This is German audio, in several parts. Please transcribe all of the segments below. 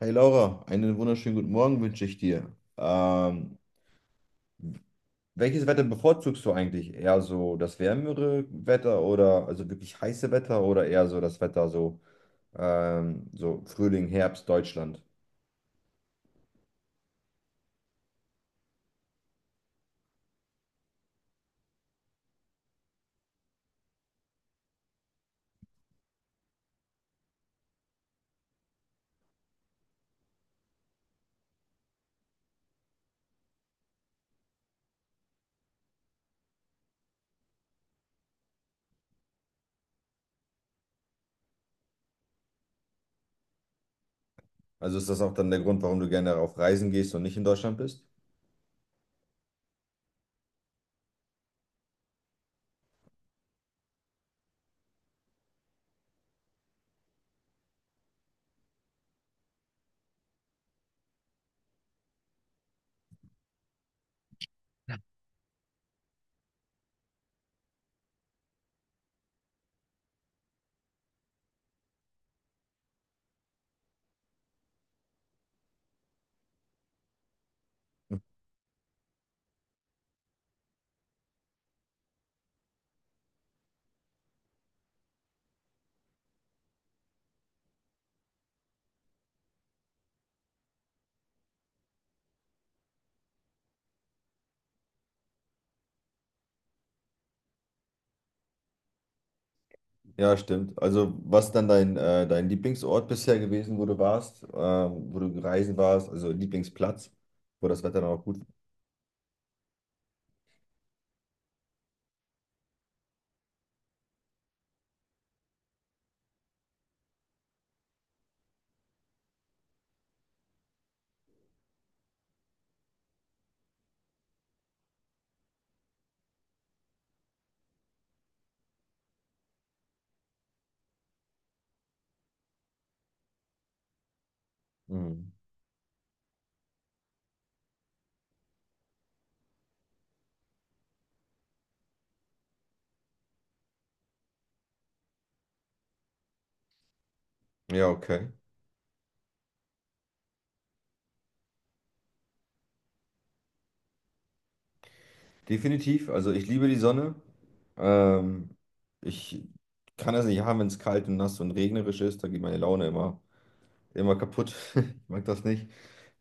Hey Laura, einen wunderschönen guten Morgen wünsche ich dir. Ähm, Welches Wetter bevorzugst du eigentlich? Eher so das wärmere Wetter oder also wirklich heiße Wetter oder eher so das Wetter so, so Frühling, Herbst, Deutschland? Also ist das auch dann der Grund, warum du gerne auf Reisen gehst und nicht in Deutschland bist? Ja, stimmt. Also was ist dann dein, dein Lieblingsort bisher gewesen, wo du warst, wo du reisen warst, also Lieblingsplatz, wo das Wetter dann auch gut war? Mhm. Ja, okay. Definitiv. Also ich liebe die Sonne. Ähm, Ich kann es nicht haben, wenn es kalt und nass und regnerisch ist. Da geht meine Laune immer kaputt. Ich mag das nicht.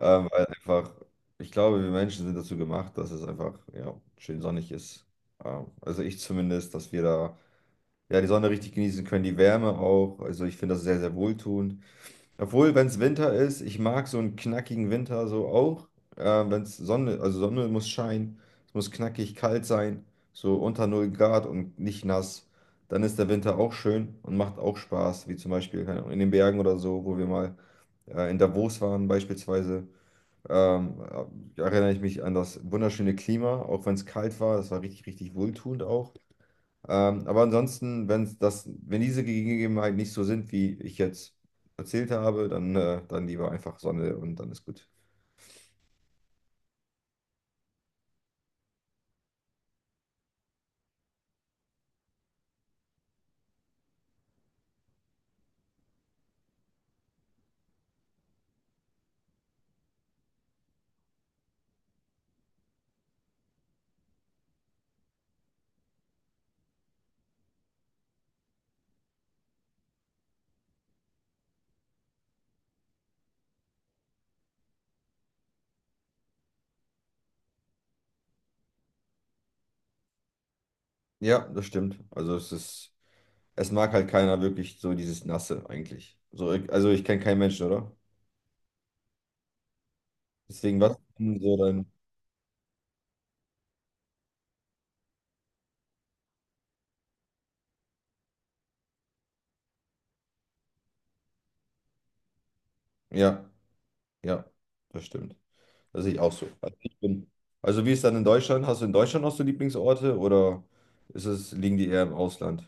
Weil ich glaube, wir Menschen sind dazu gemacht, dass es einfach ja, schön sonnig ist. Also ich zumindest, dass wir da ja, die Sonne richtig genießen können, die Wärme auch. Also ich finde das sehr, sehr wohltuend. Obwohl, wenn es Winter ist, ich mag so einen knackigen Winter so auch. Äh, Wenn es Sonne, also Sonne muss scheinen, es muss knackig kalt sein, so unter null Grad und nicht nass, dann ist der Winter auch schön und macht auch Spaß, wie zum Beispiel keine Ahnung, in den Bergen oder so, wo wir mal in Davos waren beispielsweise. Ähm, Erinnere ich mich an das wunderschöne Klima, auch wenn es kalt war, das war richtig, richtig wohltuend auch. Aber ansonsten, wenn das, wenn diese Gegebenheiten nicht so sind, wie ich jetzt erzählt habe, dann, dann lieber einfach Sonne und dann ist gut. Ja, das stimmt. Also es ist, es mag halt keiner wirklich so dieses Nasse eigentlich. So, also ich kenne keinen Menschen, oder? Deswegen was? Denn so dann, ja, ja, das stimmt. Das sehe ich auch so. Also, ich bin, also wie ist dann in Deutschland? Hast du in Deutschland auch so Lieblingsorte oder ist es, liegen die eher im Ausland?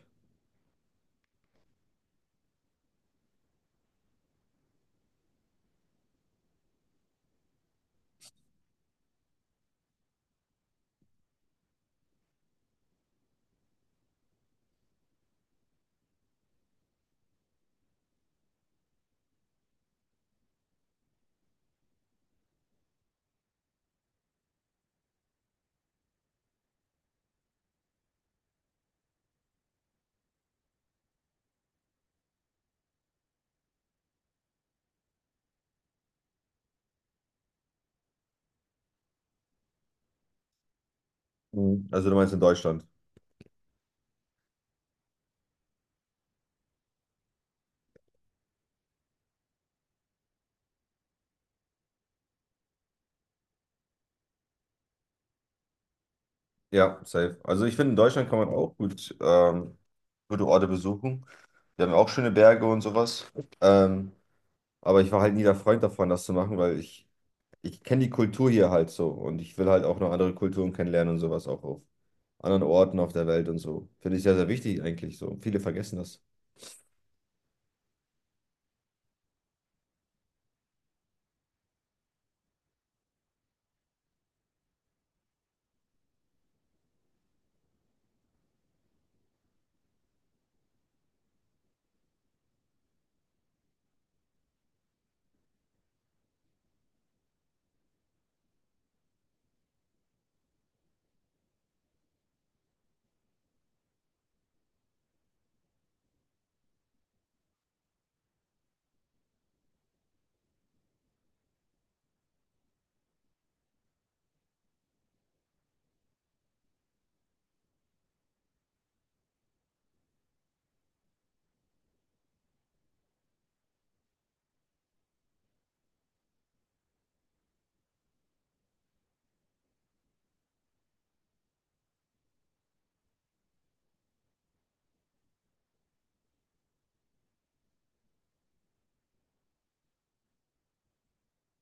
Mhm. Also du meinst in Deutschland? Ja, safe. Also ich finde, in Deutschland kann man auch gut gute Orte besuchen. Wir haben ja auch schöne Berge und sowas. Ähm, aber ich war halt nie der Freund davon, das zu machen, ich kenne die Kultur hier halt so und ich will halt auch noch andere Kulturen kennenlernen und sowas auch auf anderen Orten auf der Welt und so. Finde ich sehr, sehr wichtig eigentlich so. Viele vergessen das.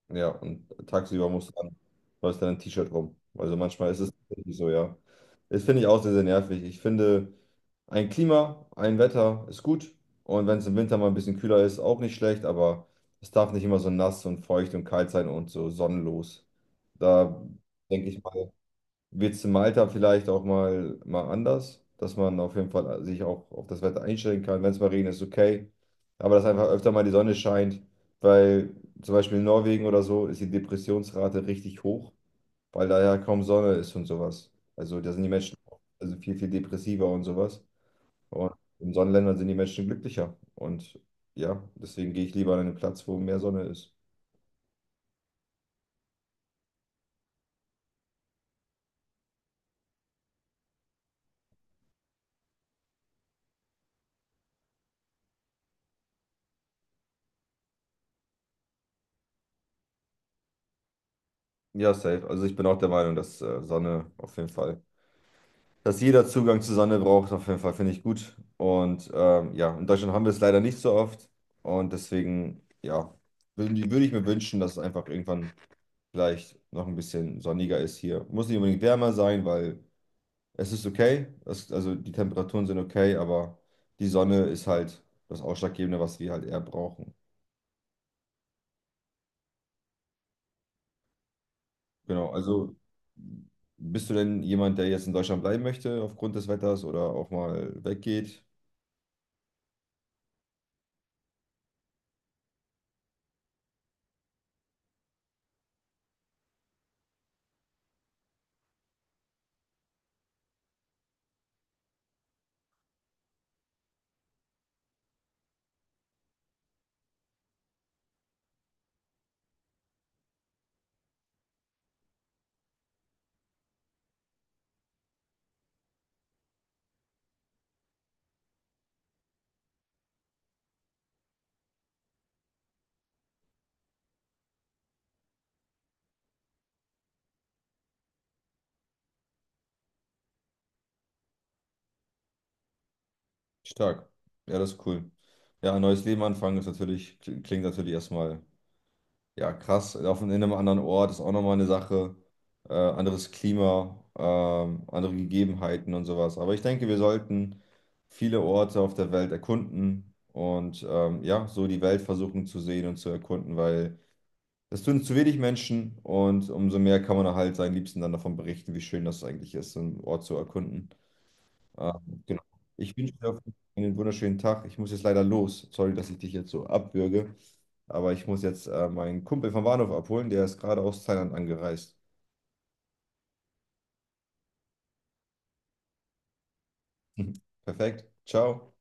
Ja, und tagsüber musst du dann, läufst dann ein T-Shirt rum. Also manchmal ist es tatsächlich so, ja. Das finde ich auch sehr, sehr nervig. Ich finde, ein Klima, ein Wetter ist gut. Und wenn es im Winter mal ein bisschen kühler ist, auch nicht schlecht, aber es darf nicht immer so nass und feucht und kalt sein und so sonnenlos. Da denke ich mal, wird es in Malta vielleicht auch mal, mal anders, dass man auf jeden Fall sich auch auf das Wetter einstellen kann. Wenn es mal regnet, ist okay. Aber dass einfach öfter mal die Sonne scheint, weil zum Beispiel in Norwegen oder so ist die Depressionsrate richtig hoch, weil da ja kaum Sonne ist und sowas. Also da sind die Menschen auch- also viel, viel depressiver und sowas. Und in Sonnenländern sind die Menschen glücklicher. Und ja, deswegen gehe ich lieber an einen Platz, wo mehr Sonne ist. Ja, safe. Also ich bin auch der Meinung, dass Sonne auf jeden Fall. Dass jeder Zugang zu Sonne braucht, auf jeden Fall finde ich gut. Und ja, in Deutschland haben wir es leider nicht so oft. Und deswegen, ja, würde ich mir wünschen, dass es einfach irgendwann vielleicht noch ein bisschen sonniger ist hier. Muss nicht unbedingt wärmer sein, weil es ist okay. Es, also die Temperaturen sind okay, aber die Sonne ist halt das Ausschlaggebende, was wir halt eher brauchen. Genau, also bist du denn jemand, der jetzt in Deutschland bleiben möchte aufgrund des Wetters oder auch mal weggeht? Stark. Ja, das ist cool. Ja, ein neues Leben anfangen ist natürlich, klingt natürlich erstmal ja krass. Auf in einem anderen Ort ist auch nochmal eine Sache. Anderes Klima, andere Gegebenheiten und sowas. Aber ich denke, wir sollten viele Orte auf der Welt erkunden und ja, so die Welt versuchen zu sehen und zu erkunden, weil das tun zu wenig Menschen und umso mehr kann man halt seinen Liebsten dann davon berichten, wie schön das eigentlich ist, so einen Ort zu erkunden. Genau. Ich wünsche dir auf jeden Fall einen wunderschönen Tag. Ich muss jetzt leider los. Sorry, dass ich dich jetzt so abwürge. Aber ich muss jetzt meinen Kumpel vom Bahnhof abholen. Der ist gerade aus Thailand angereist. Perfekt. Ciao.